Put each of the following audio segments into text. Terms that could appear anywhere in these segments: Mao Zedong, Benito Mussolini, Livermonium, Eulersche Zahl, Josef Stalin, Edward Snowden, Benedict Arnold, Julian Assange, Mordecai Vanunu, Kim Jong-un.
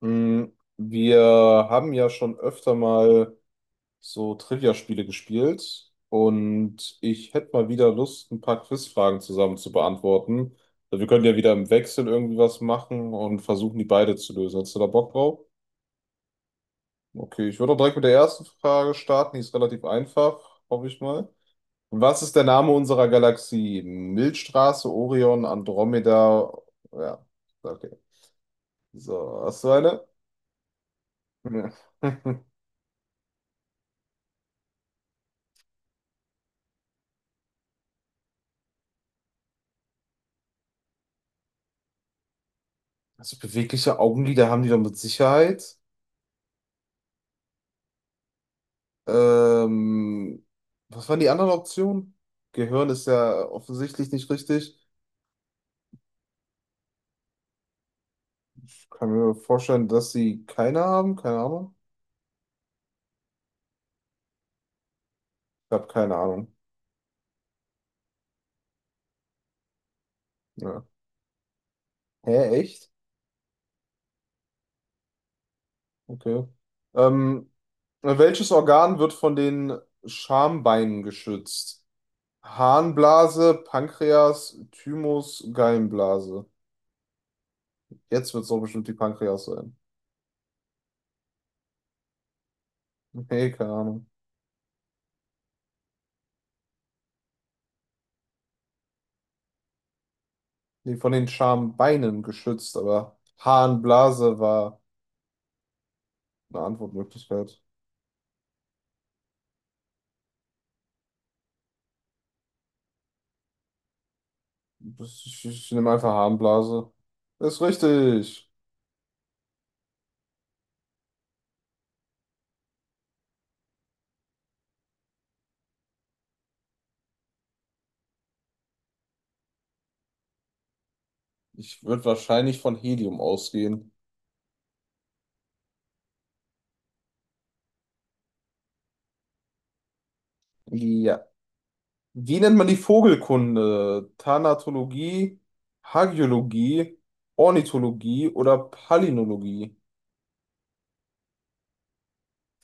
Mm, Wir haben ja schon öfter mal so Trivia-Spiele gespielt und ich hätte mal wieder Lust, ein paar Quizfragen zusammen zu beantworten. Also wir können ja wieder im Wechsel irgendwie was machen und versuchen, die beide zu lösen. Hast du da Bock drauf? Okay, ich würde auch direkt mit der ersten Frage starten. Die ist relativ einfach, hoffe ich mal. Was ist der Name unserer Galaxie? Milchstraße, Orion, Andromeda. Ja, okay. So, hast du eine? Ja. Also bewegliche Augenlider haben die doch mit Sicherheit. Ähm, was waren die anderen Optionen? Gehirn ist ja offensichtlich nicht richtig. Kann mir vorstellen, dass sie keine haben. Keine Ahnung. Ich habe keine Ahnung. Ja. Hä, echt? Okay. Ähm, welches Organ wird von den Schambeinen geschützt? Harnblase, Pankreas, Thymus, Gallenblase. Jetzt wird es doch bestimmt die Pankreas sein. Nee, keine Ahnung. Nee, von den Schambeinen geschützt, aber Harnblase war eine Antwortmöglichkeit. Ich nehme einfach Harnblase. Das ist richtig. Ich würde wahrscheinlich von Helium ausgehen. Ja. Wie nennt man die Vogelkunde? Thanatologie, Hagiologie, Ornithologie oder Palynologie?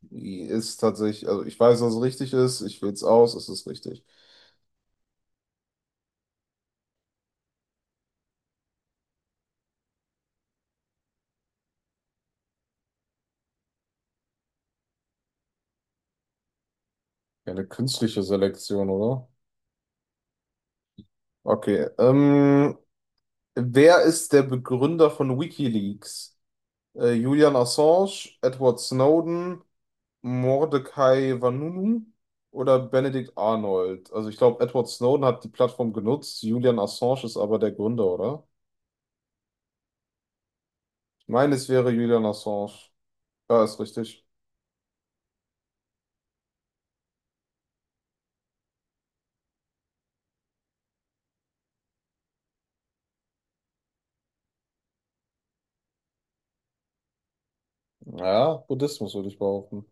Die ist tatsächlich, also ich weiß, dass es richtig ist, ich wähle es aus, es ist richtig. Ja, eine künstliche Selektion, oder? Okay, wer ist der Begründer von WikiLeaks? Julian Assange, Edward Snowden, Mordecai Vanunu oder Benedict Arnold? Also ich glaube, Edward Snowden hat die Plattform genutzt, Julian Assange ist aber der Gründer, oder? Ich meine, es wäre Julian Assange. Ja, ist richtig. Ja, Buddhismus würde ich behaupten.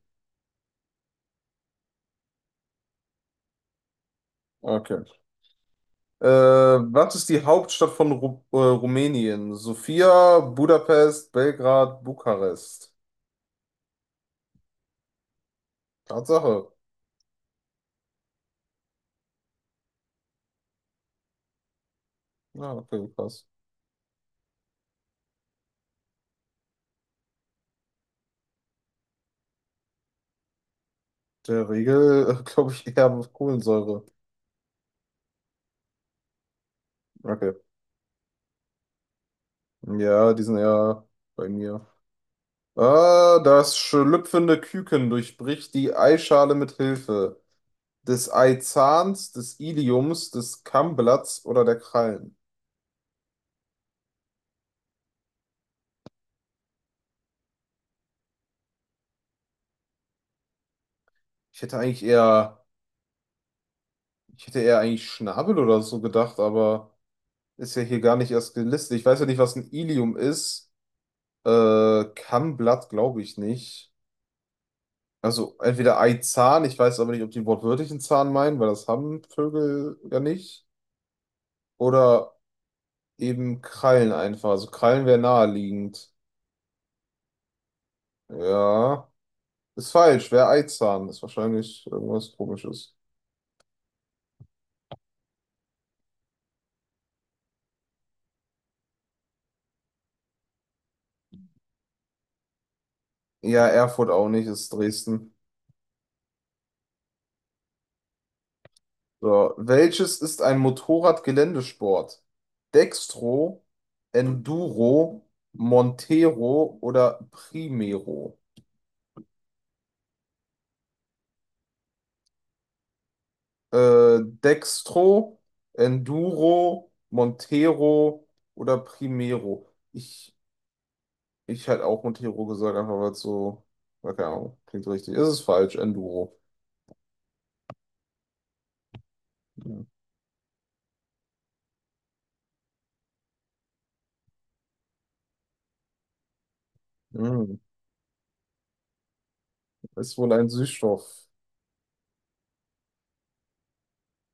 Okay. Was ist die Hauptstadt von Ru Rumänien? Sofia, Budapest, Belgrad, Bukarest. Tatsache. Ja, okay, krass. Der Regel, glaube ich, eher Kohlensäure. Okay. Ja, die sind eher bei mir. Ah, das schlüpfende Küken durchbricht die Eischale mit Hilfe des Eizahns, des Iliums, des Kammblatts oder der Krallen. Ich hätte eigentlich eher, ich hätte eher eigentlich Schnabel oder so gedacht, aber ist ja hier gar nicht erst gelistet. Ich weiß ja nicht, was ein Ilium ist. Kammblatt glaube ich nicht. Also entweder Eizahn, ich weiß aber nicht, ob die wortwörtlich einen Zahn meinen, weil das haben Vögel ja nicht. Oder eben Krallen einfach. Also Krallen wäre naheliegend. Ja, ist falsch. Wäre Eizahn. Ist wahrscheinlich irgendwas Komisches. Ja, Erfurt auch nicht, ist Dresden. So, welches ist ein Motorrad Geländesport? Dextro, Enduro, Montero oder Primero? Dextro, Enduro, Montero oder Primero. Ich hätte auch Montero gesagt, einfach weil es so, na, keine Ahnung, klingt so richtig. Ist es falsch, Enduro. Hm. Hm. Ist wohl ein Süßstoff.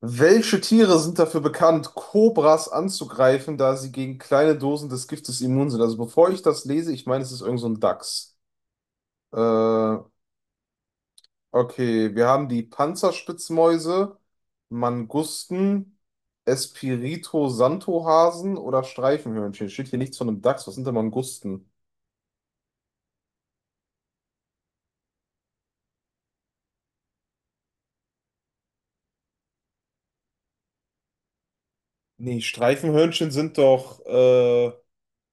Welche Tiere sind dafür bekannt, Kobras anzugreifen, da sie gegen kleine Dosen des Giftes immun sind? Also bevor ich das lese, ich meine, es ist irgend so ein Dachs. Äh, Okay, wir haben die Panzerspitzmäuse, Mangusten, espirito Santo Hasen oder Streifenhörnchen. Steht hier nichts von einem Dachs. Was sind denn Mangusten? Nee, Streifenhörnchen sind doch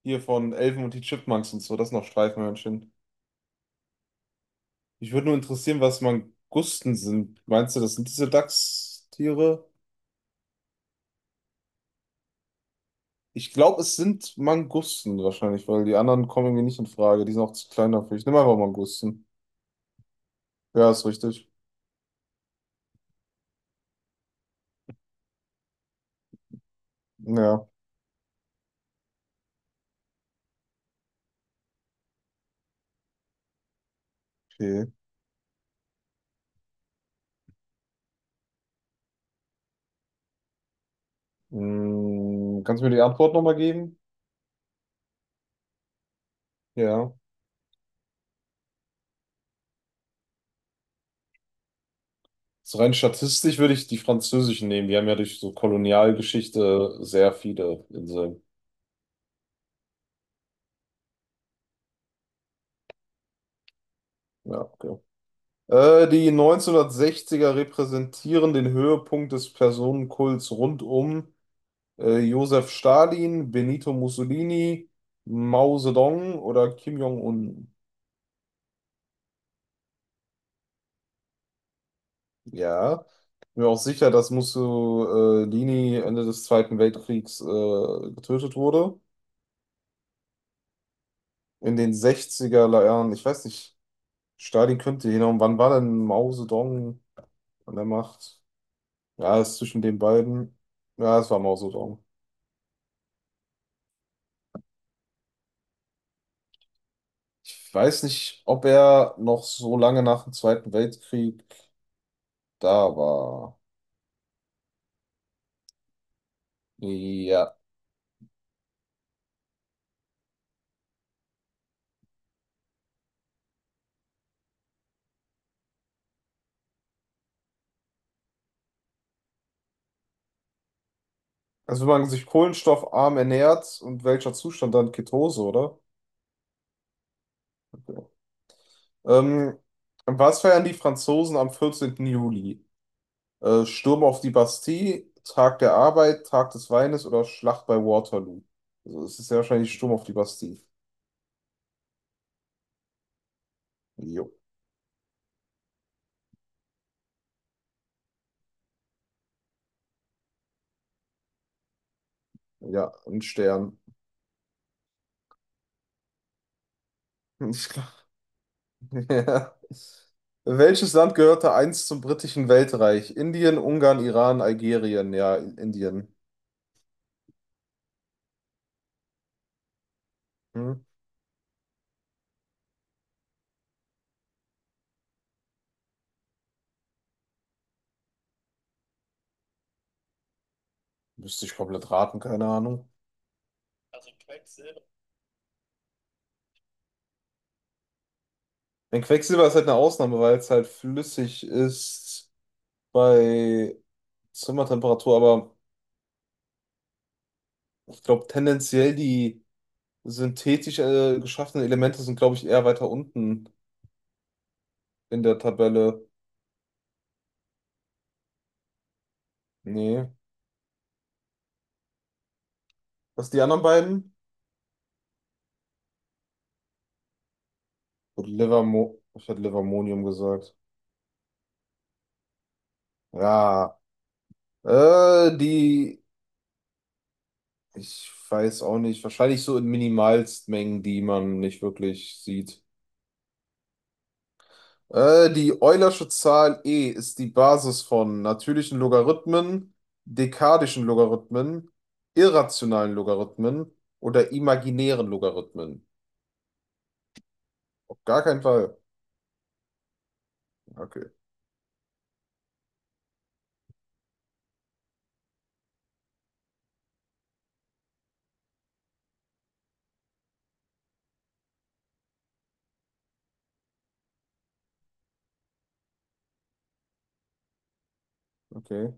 hier von Elfen und die Chipmunks und so. Das sind noch Streifenhörnchen. Mich würde nur interessieren, was Mangusten sind. Meinst du, das sind diese Dachstiere? Ich glaube, es sind Mangusten wahrscheinlich, weil die anderen kommen mir nicht in Frage. Die sind auch zu klein dafür. Ich nehme einfach Mangusten. Ja, ist richtig. Ja, okay. Kannst du mir die Antwort nochmal geben? Ja. So rein statistisch würde ich die französischen nehmen. Die haben ja durch so Kolonialgeschichte sehr viele Inseln. Ja, okay. Die 1960er repräsentieren den Höhepunkt des Personenkults rund um Josef Stalin, Benito Mussolini, Mao Zedong oder Kim Jong-un. Ja. Ich bin mir auch sicher, dass Mussolini Ende des Zweiten Weltkriegs getötet wurde. In den 60er Jahren, ich weiß nicht, Stalin könnte hinhauen. Wann war denn Mao Zedong an der Macht? Ja, es ist zwischen den beiden. Ja, es war Mao Zedong. Ich weiß nicht, ob er noch so lange nach dem Zweiten Weltkrieg da war. Ja. Also wenn man sich kohlenstoffarm ernährt und welcher Zustand dann? Ketose, oder? Ähm, was feiern die Franzosen am 14. Juli? Sturm auf die Bastille, Tag der Arbeit, Tag des Weines oder Schlacht bei Waterloo. Also es ist ja wahrscheinlich Sturm auf die Bastille. Jo. Ja, ein Stern. Ich glaub- Ja. Welches Land gehörte einst zum britischen Weltreich? Indien, Ungarn, Iran, Algerien. Ja, Indien. Hm? Müsste ich komplett raten, keine Ahnung. Denn Quecksilber ist halt eine Ausnahme, weil es halt flüssig ist bei Zimmertemperatur, aber ich glaube tendenziell die synthetisch geschaffene Elemente sind, glaube ich, eher weiter unten in der Tabelle. Nee. Was die anderen beiden? Gut, Livermo, ich hätte Livermonium gesagt. Ja. Äh, die, ich weiß auch nicht, wahrscheinlich so in Minimalstmengen, die man nicht wirklich sieht. Die Eulersche Zahl e ist die Basis von natürlichen Logarithmen, dekadischen Logarithmen, irrationalen Logarithmen oder imaginären Logarithmen. Auf gar keinen Fall. Okay. Okay.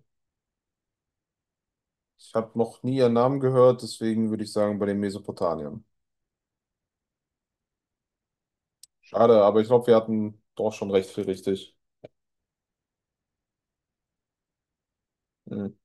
Ich habe noch nie ihren Namen gehört, deswegen würde ich sagen bei den Mesopotamiern. Schade, aber ich glaube, wir hatten doch schon recht viel richtig. Mhm.